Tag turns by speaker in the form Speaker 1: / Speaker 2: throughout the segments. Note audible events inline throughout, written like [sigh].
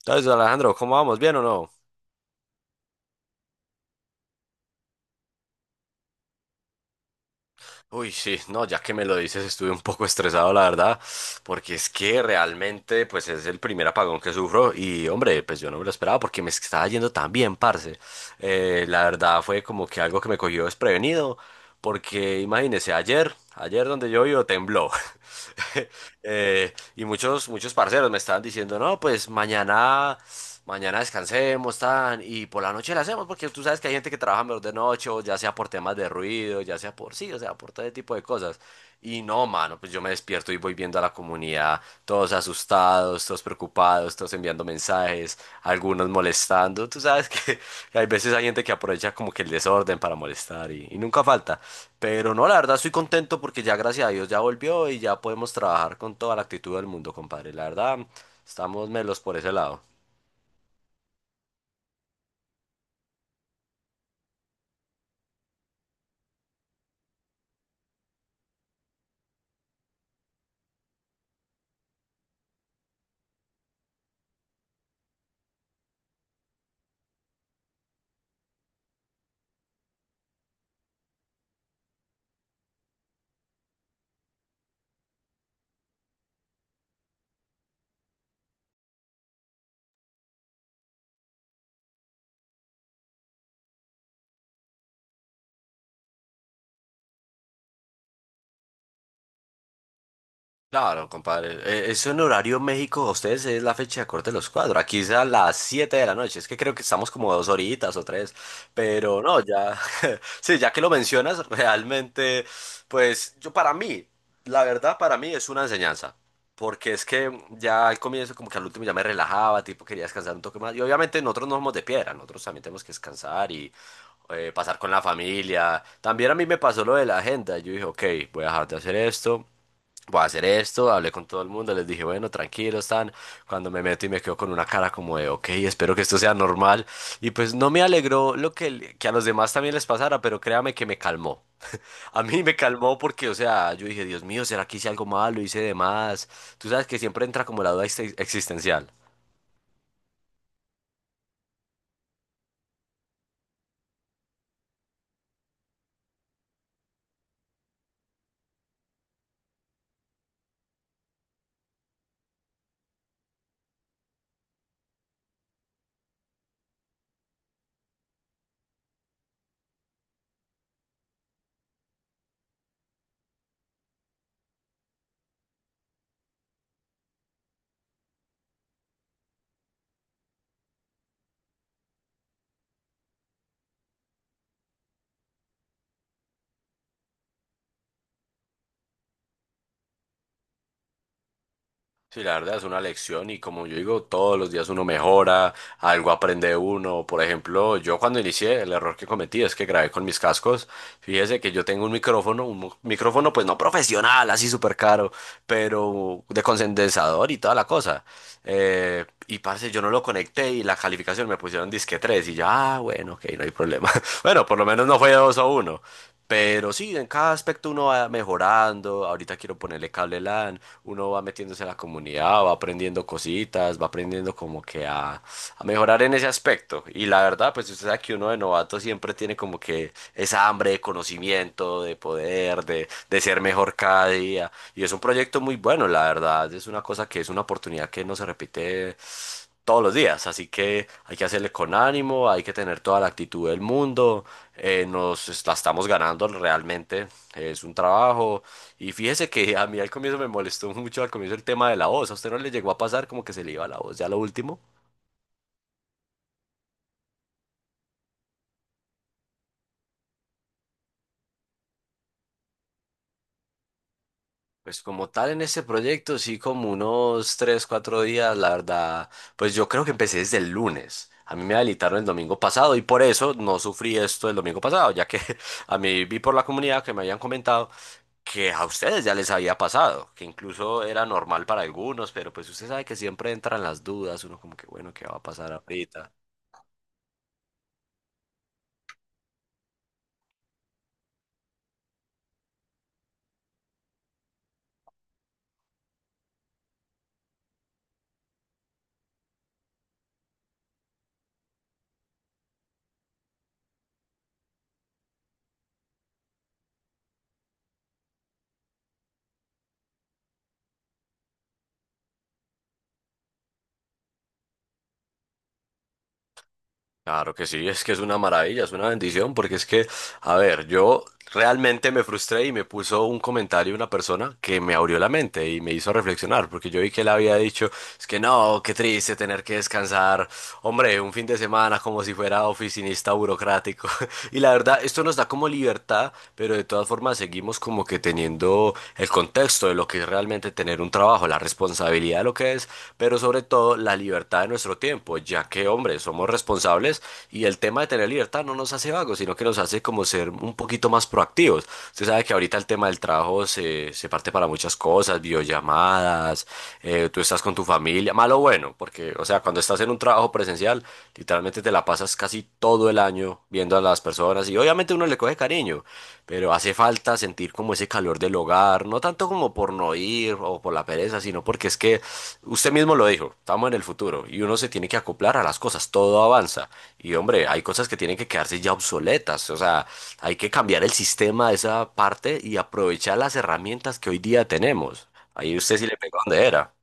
Speaker 1: Entonces, Alejandro, ¿cómo vamos? ¿Bien o no? Uy, sí, no, ya que me lo dices, estuve un poco estresado, la verdad, porque es que realmente, pues es el primer apagón que sufro y, hombre, pues yo no me lo esperaba porque me estaba yendo tan bien, parce. La verdad fue como que algo que me cogió desprevenido porque imagínese, ayer donde yo vivo tembló. [laughs] Y muchos parceros me estaban diciendo, no, pues mañana descansemos, tan, y por la noche la hacemos, porque tú sabes que hay gente que trabaja mejor de noche, o ya sea por temas de ruido, ya sea por sí, o sea, por todo ese tipo de cosas. Y no, mano, pues yo me despierto y voy viendo a la comunidad, todos asustados, todos preocupados, todos enviando mensajes, algunos molestando. Tú sabes que, [laughs] que hay veces hay gente que aprovecha como que el desorden para molestar y nunca falta. Pero no, la verdad estoy contento porque ya gracias a Dios ya volvió y ya podemos trabajar con toda la actitud del mundo, compadre. La verdad, estamos melos por ese lado. Claro, compadre. Eso en horario México, a ustedes es la fecha de corte de los cuadros. Aquí es a las 7 de la noche. Es que creo que estamos como dos horitas o tres. Pero no, ya. [laughs] Sí, ya que lo mencionas, [laughs] realmente, pues yo para mí, la verdad, para mí es una enseñanza. Porque es que ya al comienzo, como que al último ya me relajaba, tipo, quería descansar un toque más. Y obviamente nosotros no somos de piedra, nosotros también tenemos que descansar y pasar con la familia. También a mí me pasó lo de la agenda. Yo dije, ok, voy a dejar de hacer esto, voy a hacer esto, hablé con todo el mundo, les dije, bueno, tranquilos, están, cuando me meto y me quedo con una cara como de, ok, espero que esto sea normal, y pues no me alegró lo que a los demás también les pasara, pero créame que me calmó. [laughs] A mí me calmó porque, o sea, yo dije, Dios mío, ¿será que hice algo malo? ¿Hice de más? Tú sabes que siempre entra como la duda existencial. Sí, la verdad es una lección y como yo digo, todos los días uno mejora, algo aprende uno. Por ejemplo, yo cuando inicié, el error que cometí es que grabé con mis cascos. Fíjese que yo tengo un micrófono, un micrófono pues no profesional, así súper caro, pero de condensador y toda la cosa. Eh, y parce, yo no lo conecté y la calificación me pusieron disque 3 y yo, ah, bueno, ok, no hay problema. [laughs] Bueno, por lo menos no fue 2 o uno. Pero sí, en cada aspecto uno va mejorando. Ahorita quiero ponerle cable LAN. Uno va metiéndose a la comunidad, va aprendiendo cositas, va aprendiendo como que a mejorar en ese aspecto. Y la verdad, pues usted sabe que uno de novato siempre tiene como que esa hambre de conocimiento, de poder, de ser mejor cada día. Y es un proyecto muy bueno, la verdad. Es una cosa que es una oportunidad que no se repite todos los días. Así que hay que hacerle con ánimo, hay que tener toda la actitud del mundo. Nos la estamos ganando realmente, es un trabajo. Y fíjese que a mí al comienzo me molestó mucho al comienzo el tema de la voz. ¿A usted no le llegó a pasar como que se le iba la voz ya lo último? Pues como tal en este proyecto, sí, como unos 3 4 días, la verdad, pues yo creo que empecé desde el lunes. A mí me habilitaron el domingo pasado y por eso no sufrí esto el domingo pasado, ya que [laughs] a mí vi por la comunidad que me habían comentado que a ustedes ya les había pasado, que incluso era normal para algunos, pero pues usted sabe que siempre entran las dudas, uno como que bueno, ¿qué va a pasar ahorita? Claro que sí, es que es una maravilla, es una bendición, porque es que a ver, yo realmente me frustré y me puso un comentario una persona que me abrió la mente y me hizo reflexionar, porque yo vi que él había dicho, es que no, qué triste tener que descansar, hombre, un fin de semana como si fuera oficinista burocrático. [laughs] Y la verdad, esto nos da como libertad, pero de todas formas seguimos como que teniendo el contexto de lo que es realmente tener un trabajo, la responsabilidad de lo que es, pero sobre todo la libertad de nuestro tiempo, ya que, hombre, somos responsables y el tema de tener libertad no nos hace vagos, sino que nos hace como ser un poquito más proactivos. Usted sabe que ahorita el tema del trabajo se parte para muchas cosas, videollamadas, tú estás con tu familia, malo o bueno, porque, o sea, cuando estás en un trabajo presencial, literalmente te la pasas casi todo el año viendo a las personas y obviamente uno le coge cariño, pero hace falta sentir como ese calor del hogar, no tanto como por no ir o por la pereza, sino porque es que usted mismo lo dijo, estamos en el futuro y uno se tiene que acoplar a las cosas, todo avanza y hombre, hay cosas que tienen que quedarse ya obsoletas, o sea, hay que cambiar el sistema de esa parte y aprovechar las herramientas que hoy día tenemos. Ahí usted sí le pegó donde era.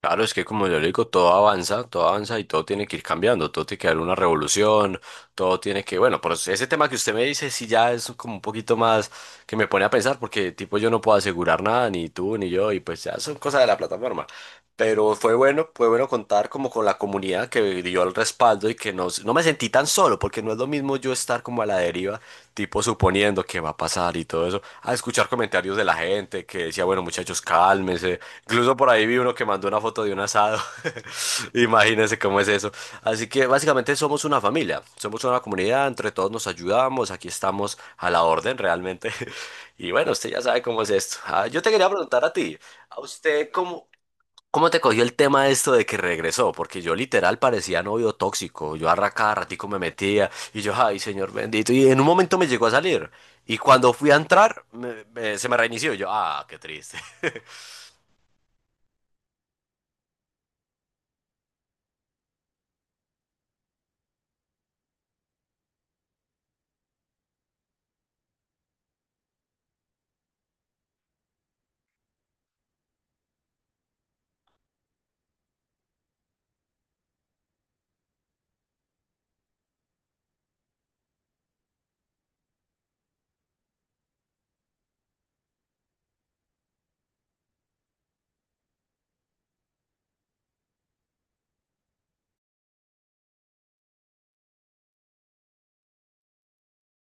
Speaker 1: Claro, es que como yo le digo, todo avanza y todo tiene que ir cambiando, todo tiene que haber una revolución, todo tiene que, bueno, por ese tema que usted me dice sí ya es como un poquito más que me pone a pensar porque tipo yo no puedo asegurar nada, ni tú ni yo, y pues ya son cosas de la plataforma. Pero fue bueno contar como con la comunidad que dio el respaldo y que no, no me sentí tan solo, porque no es lo mismo yo estar como a la deriva, tipo suponiendo qué va a pasar y todo eso, a escuchar comentarios de la gente que decía, bueno, muchachos, cálmense. Incluso por ahí vi uno que mandó una foto de un asado. [laughs] Imagínense cómo es eso. Así que básicamente somos una familia, somos una comunidad, entre todos nos ayudamos, aquí estamos a la orden realmente. [laughs] Y bueno, usted ya sabe cómo es esto. Ah, yo te quería preguntar a ti, ¿a usted cómo, ¿cómo te cogió el tema de esto de que regresó? Porque yo literal parecía novio tóxico. Yo arra cada ratico me metía y yo, ay, señor bendito. Y en un momento me llegó a salir. Y cuando fui a entrar, se me reinició. Yo, ah, qué triste.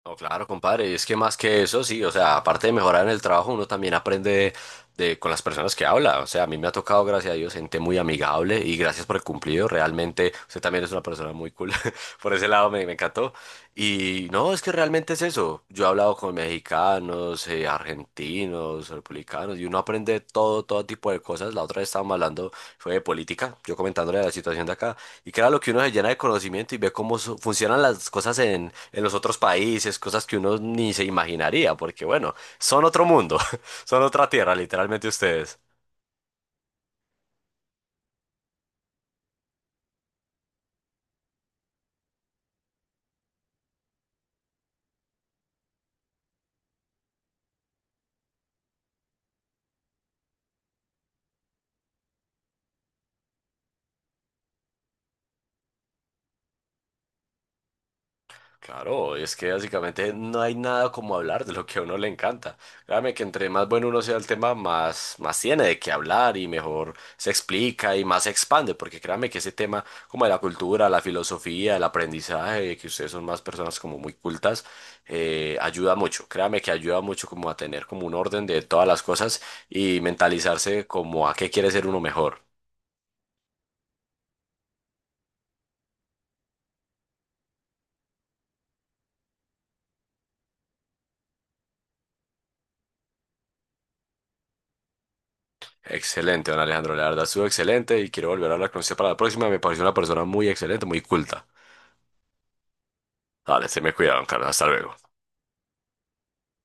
Speaker 1: No, claro, compadre, y es que más que eso, sí, o sea, aparte de mejorar en el trabajo, uno también aprende de, con las personas que habla, o sea, a mí me ha tocado, gracias a Dios, gente muy amigable y gracias por el cumplido, realmente, usted también es una persona muy cool, [laughs] por ese lado me encantó, y no, es que realmente es eso, yo he hablado con mexicanos, argentinos, republicanos, y uno aprende todo, todo tipo de cosas, la otra vez estábamos hablando, fue de política, yo comentándole la situación de acá, y que era lo que uno se llena de conocimiento y ve cómo funcionan las cosas en los otros países, cosas que uno ni se imaginaría, porque bueno, son otro mundo, [laughs] son otra tierra, literalmente ustedes. Claro, es que básicamente no hay nada como hablar de lo que a uno le encanta. Créame que entre más bueno uno sea el tema, más tiene de qué hablar y mejor se explica y más se expande, porque créame que ese tema como de la cultura, la filosofía, el aprendizaje, que ustedes son más personas como muy cultas, ayuda mucho. Créame que ayuda mucho como a tener como un orden de todas las cosas y mentalizarse como a qué quiere ser uno mejor. Excelente, don Alejandro, la verdad estuvo excelente y quiero volver a hablar con usted para la próxima. Me pareció una persona muy excelente, muy culta. Dale, se me cuidaban, Carlos. Hasta luego.